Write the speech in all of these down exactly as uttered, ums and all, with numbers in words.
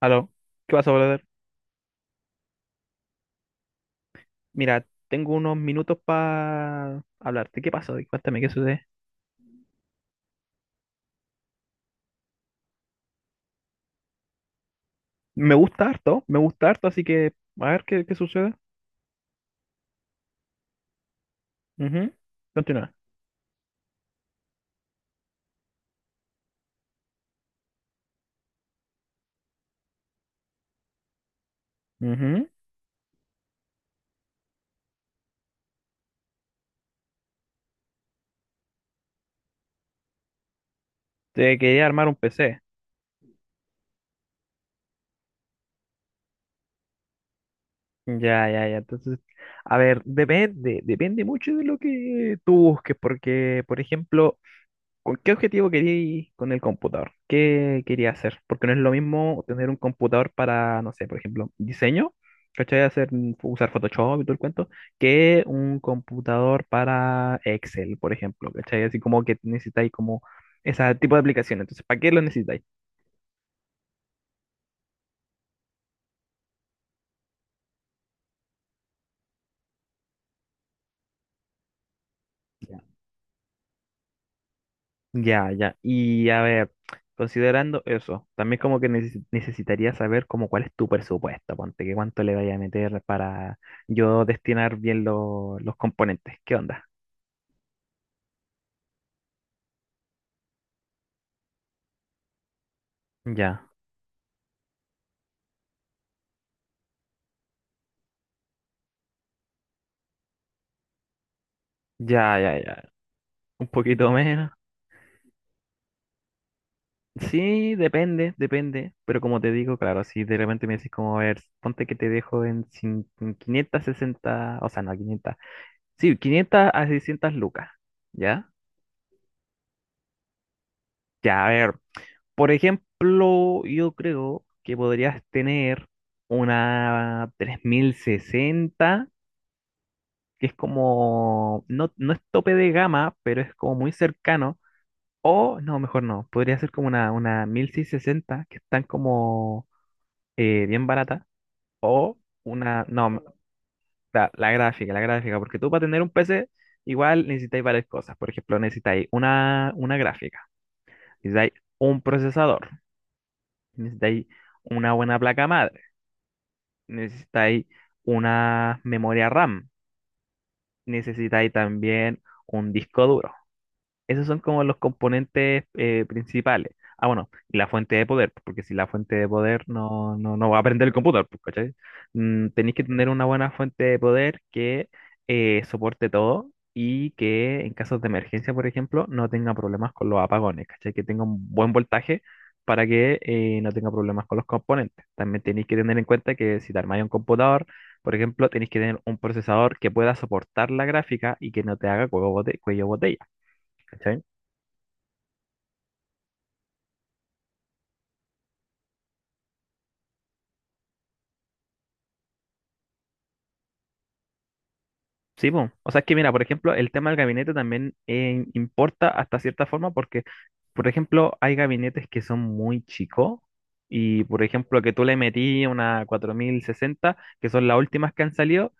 Aló, ¿qué pasó, brother? Mira, tengo unos minutos para hablarte. ¿Qué pasó? Cuéntame, ¿qué sucede? Me gusta harto, me gusta harto, así que a ver qué, qué sucede. Ujú, continúa. Ujú. Te quería armar un P C. Ya, ya, ya. Entonces, a ver, depende, depende mucho de lo que tú busques, porque, por ejemplo, ¿con qué objetivo quería ir con el computador? ¿Qué quería hacer? Porque no es lo mismo tener un computador para, no sé, por ejemplo, diseño, ¿cachai? Hacer, usar Photoshop y todo el cuento, que un computador para Excel, por ejemplo, ¿cachai? Así como que necesitáis como ese tipo de aplicaciones. Entonces, ¿para qué lo necesitáis? Ya, ya. Y a ver, considerando eso, también como que neces- necesitaría saber como cuál es tu presupuesto, ponte, que cuánto le vaya a meter para yo destinar bien lo- los componentes. ¿Qué onda? Ya, ya, ya, ya. Un poquito menos. Sí, depende, depende. Pero como te digo, claro, si de repente me decís como, a ver, ponte que te dejo en, cin- en quinientos sesenta, o sea, no, quinientos. Sí, quinientas a seiscientas lucas. ¿Ya? Ya, a ver. Por ejemplo, yo creo que podrías tener una tres mil sesenta, que es como, no, no es tope de gama, pero es como muy cercano. O, no, mejor no, podría ser como una, una mil seiscientos sesenta, que están como eh, bien barata. O una, no, la, la gráfica, la gráfica, porque tú para tener un P C igual necesitáis varias cosas. Por ejemplo, necesitáis una, una gráfica, necesitáis un procesador, necesitáis una buena placa madre, necesitáis una memoria RAM, necesitáis también un disco duro. Esos son como los componentes eh, principales. Ah, bueno, y la fuente de poder, pues, porque si la fuente de poder no, no, no va a aprender el computador, pues, ¿cachai? Mm, tenéis que tener una buena fuente de poder que eh, soporte todo y que en casos de emergencia, por ejemplo, no tenga problemas con los apagones, ¿cachai? Que tenga un buen voltaje para que eh, no tenga problemas con los componentes. También tenéis que tener en cuenta que si te armáis un computador, por ejemplo, tenéis que tener un procesador que pueda soportar la gráfica y que no te haga cuello bote- cuello botella. ¿Cachai? Sí, po. O sea, es que mira, por ejemplo, el tema del gabinete también eh, importa hasta cierta forma porque, por ejemplo, hay gabinetes que son muy chicos y, por ejemplo, que tú le metí una cuatro mil sesenta, que son las últimas que han salido,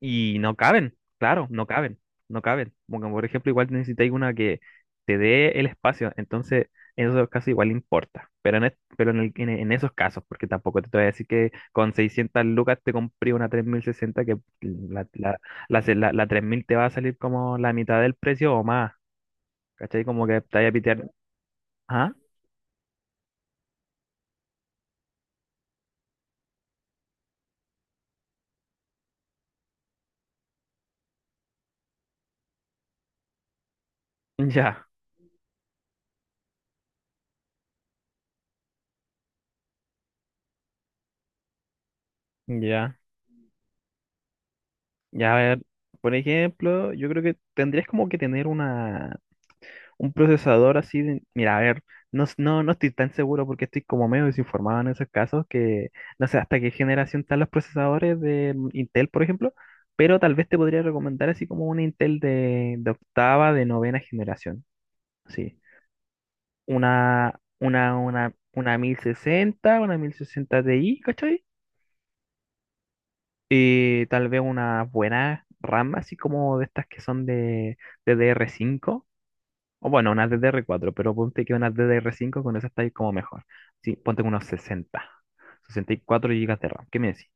y no caben, claro, no caben, no caben. Porque, por ejemplo, igual necesitáis una que te dé el espacio, entonces en esos casos igual importa. Pero en, es- pero en, el- en- en esos casos, porque tampoco te voy a decir que con seiscientas lucas te compré una tres mil sesenta que la, la, la, se- la- la tres mil te va a salir como la mitad del precio o más. ¿Cachai? Como que te vaya a pitear. ¿Ah? Ya, ya, ya. A ver, por ejemplo, yo creo que tendrías como que tener una. Un procesador así de- mira, a ver, no, s- no, no estoy tan seguro porque estoy como medio desinformado en esos casos que no sé hasta qué generación están los procesadores de Intel, por ejemplo, pero tal vez te podría recomendar así como un Intel de, de octava, de novena generación, sí. Una, una, una, una mil sesenta una mil sesenta Ti, ¿cachai? Y tal vez una buena RAM, así como de estas que son de, de d D r cinco. O bueno, unas d d r cuatro pero ponte que unas d d r cinco con esas estáis como mejor. Sí, ponte con unos sesenta, sesenta y cuatro gigas de RAM. ¿Qué me decís?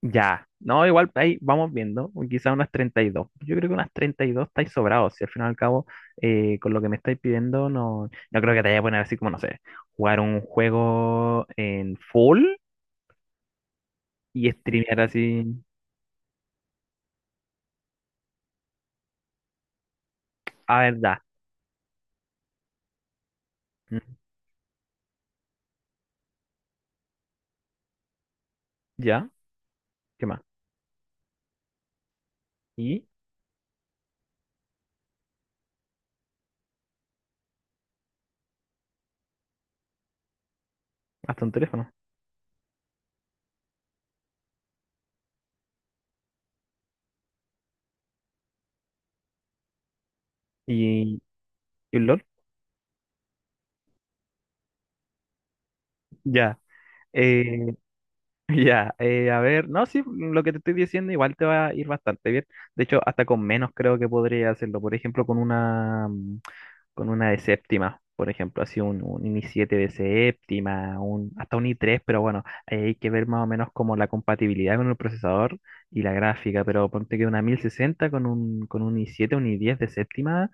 Ya, no, igual ahí vamos viendo, o quizá unas treinta y dos. Yo creo que unas treinta y dos estáis sobrados. Si al final y al cabo, eh, con lo que me estáis pidiendo, no, no creo que te vaya a poner así como, no sé, jugar un juego en full y streamear así. A ver, ya. Mm, ya, ¿qué más? Y hasta un teléfono. Y, y un LOL, ya. Eh, Ya, eh, a ver, no, sí, lo que te estoy diciendo igual te va a ir bastante bien. De hecho, hasta con menos creo que podría hacerlo. Por ejemplo, con una, con una, de séptima, por ejemplo, así un, un i N I siete de séptima, un, hasta un i tres, pero bueno, ahí hay que ver más o menos como la compatibilidad con el procesador y la gráfica, pero ponte que una mil sesenta con un, con un i siete, un i diez de séptima,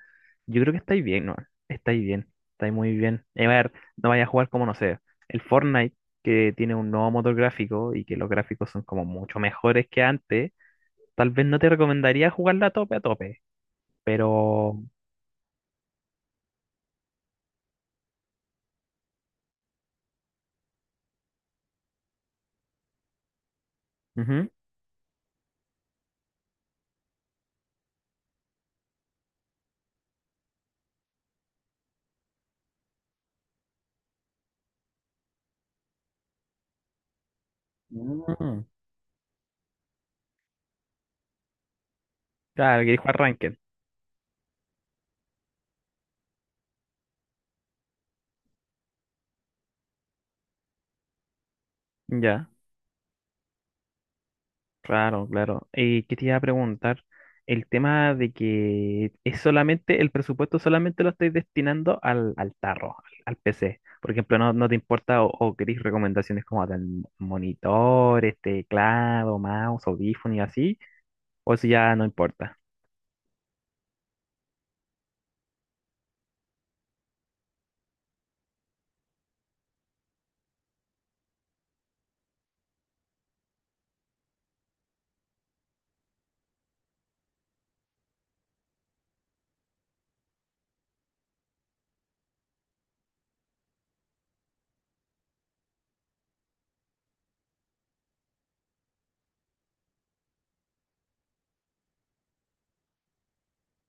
yo creo que estáis bien, ¿no? Estáis bien, estáis muy bien. Y a ver, no vaya a jugar como, no sé, el Fortnite, que tiene un nuevo motor gráfico y que los gráficos son como mucho mejores que antes, tal vez no te recomendaría jugarla a tope a tope, pero... Ujú. Mm. Claro, que dijo arranquen. Ya, claro, claro. ¿Y qué te iba a preguntar? El tema de que es solamente, el presupuesto solamente lo estáis destinando al, al tarro, al, al P C. Por ejemplo, no, no te importa o, o queréis recomendaciones como tal monitores, teclado, mouse, audífono y así, o eso ya no importa.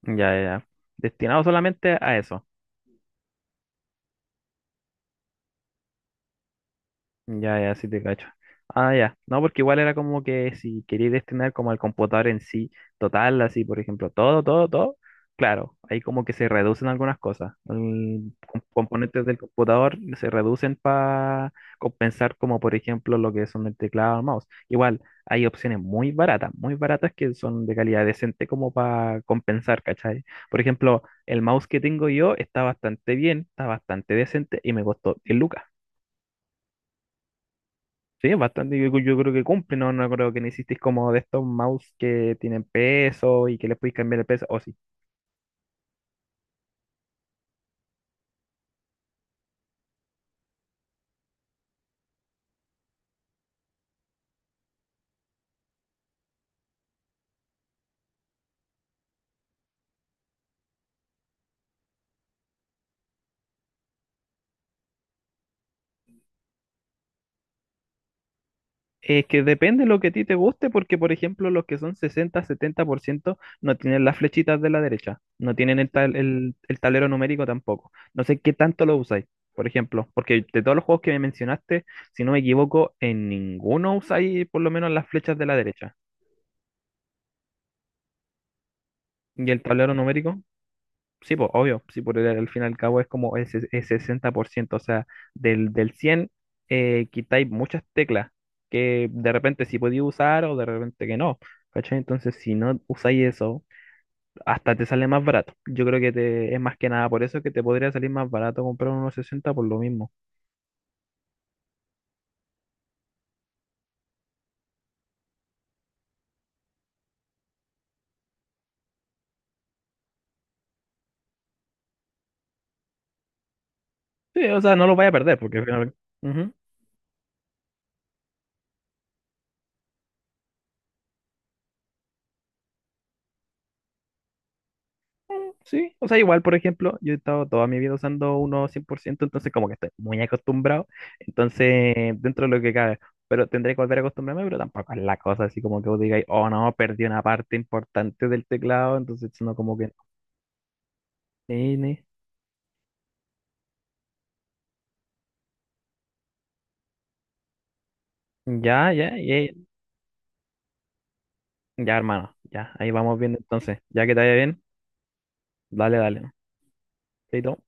Ya, ya. Ya. Destinado solamente a eso. Ya, ya, sí te cacho. Ah, ya. No, porque igual era como que si quería destinar como al computador en sí, total, así, por ejemplo, todo, todo, todo, claro, ahí como que se reducen algunas cosas. El com- componentes del computador se reducen para compensar como, por ejemplo, lo que son el teclado o el mouse. Igual, hay opciones muy baratas, muy baratas que son de calidad decente como para compensar, ¿cachai? Por ejemplo, el mouse que tengo yo está bastante bien, está bastante decente y me costó diez lucas. Sí, es bastante, yo, yo creo que cumple, no, no creo que necesites como de estos mouse que tienen peso y que les puedes cambiar el peso, o sí. Es que depende lo que a ti te guste, porque por ejemplo los que son sesenta setenta por ciento no tienen las flechitas de la derecha, no tienen el, tal- el, el tablero numérico tampoco. No sé qué tanto lo usáis, por ejemplo, porque de todos los juegos que me mencionaste, si no me equivoco, en ninguno usáis por lo menos las flechas de la derecha. ¿Y el tablero numérico? Sí, pues, obvio, sí, por el, al fin y al cabo es como el, ses- el sesenta por ciento, o sea, del, del cien, eh, quitáis muchas teclas que de repente sí podéis usar o de repente que no, ¿cachai? Entonces, si no usáis eso, hasta te sale más barato. Yo creo que te, es más que nada por eso que te podría salir más barato comprar unos sesenta por lo mismo. Sí, o sea, no lo vaya a perder porque al final... Sí, o sea, igual, por ejemplo, yo he estado toda mi vida usando uno cien por ciento entonces como que estoy muy acostumbrado, entonces dentro de lo que cabe, pero tendré que volver a acostumbrarme, pero tampoco es la cosa así como que vos digáis, oh, no, perdí una parte importante del teclado, entonces no como que... no. Ni, ni. Ya, ya, ya, ya, hermano, ya, ahí vamos viendo entonces, ya que te vaya bien, dale, dale, ¿no? Chaito.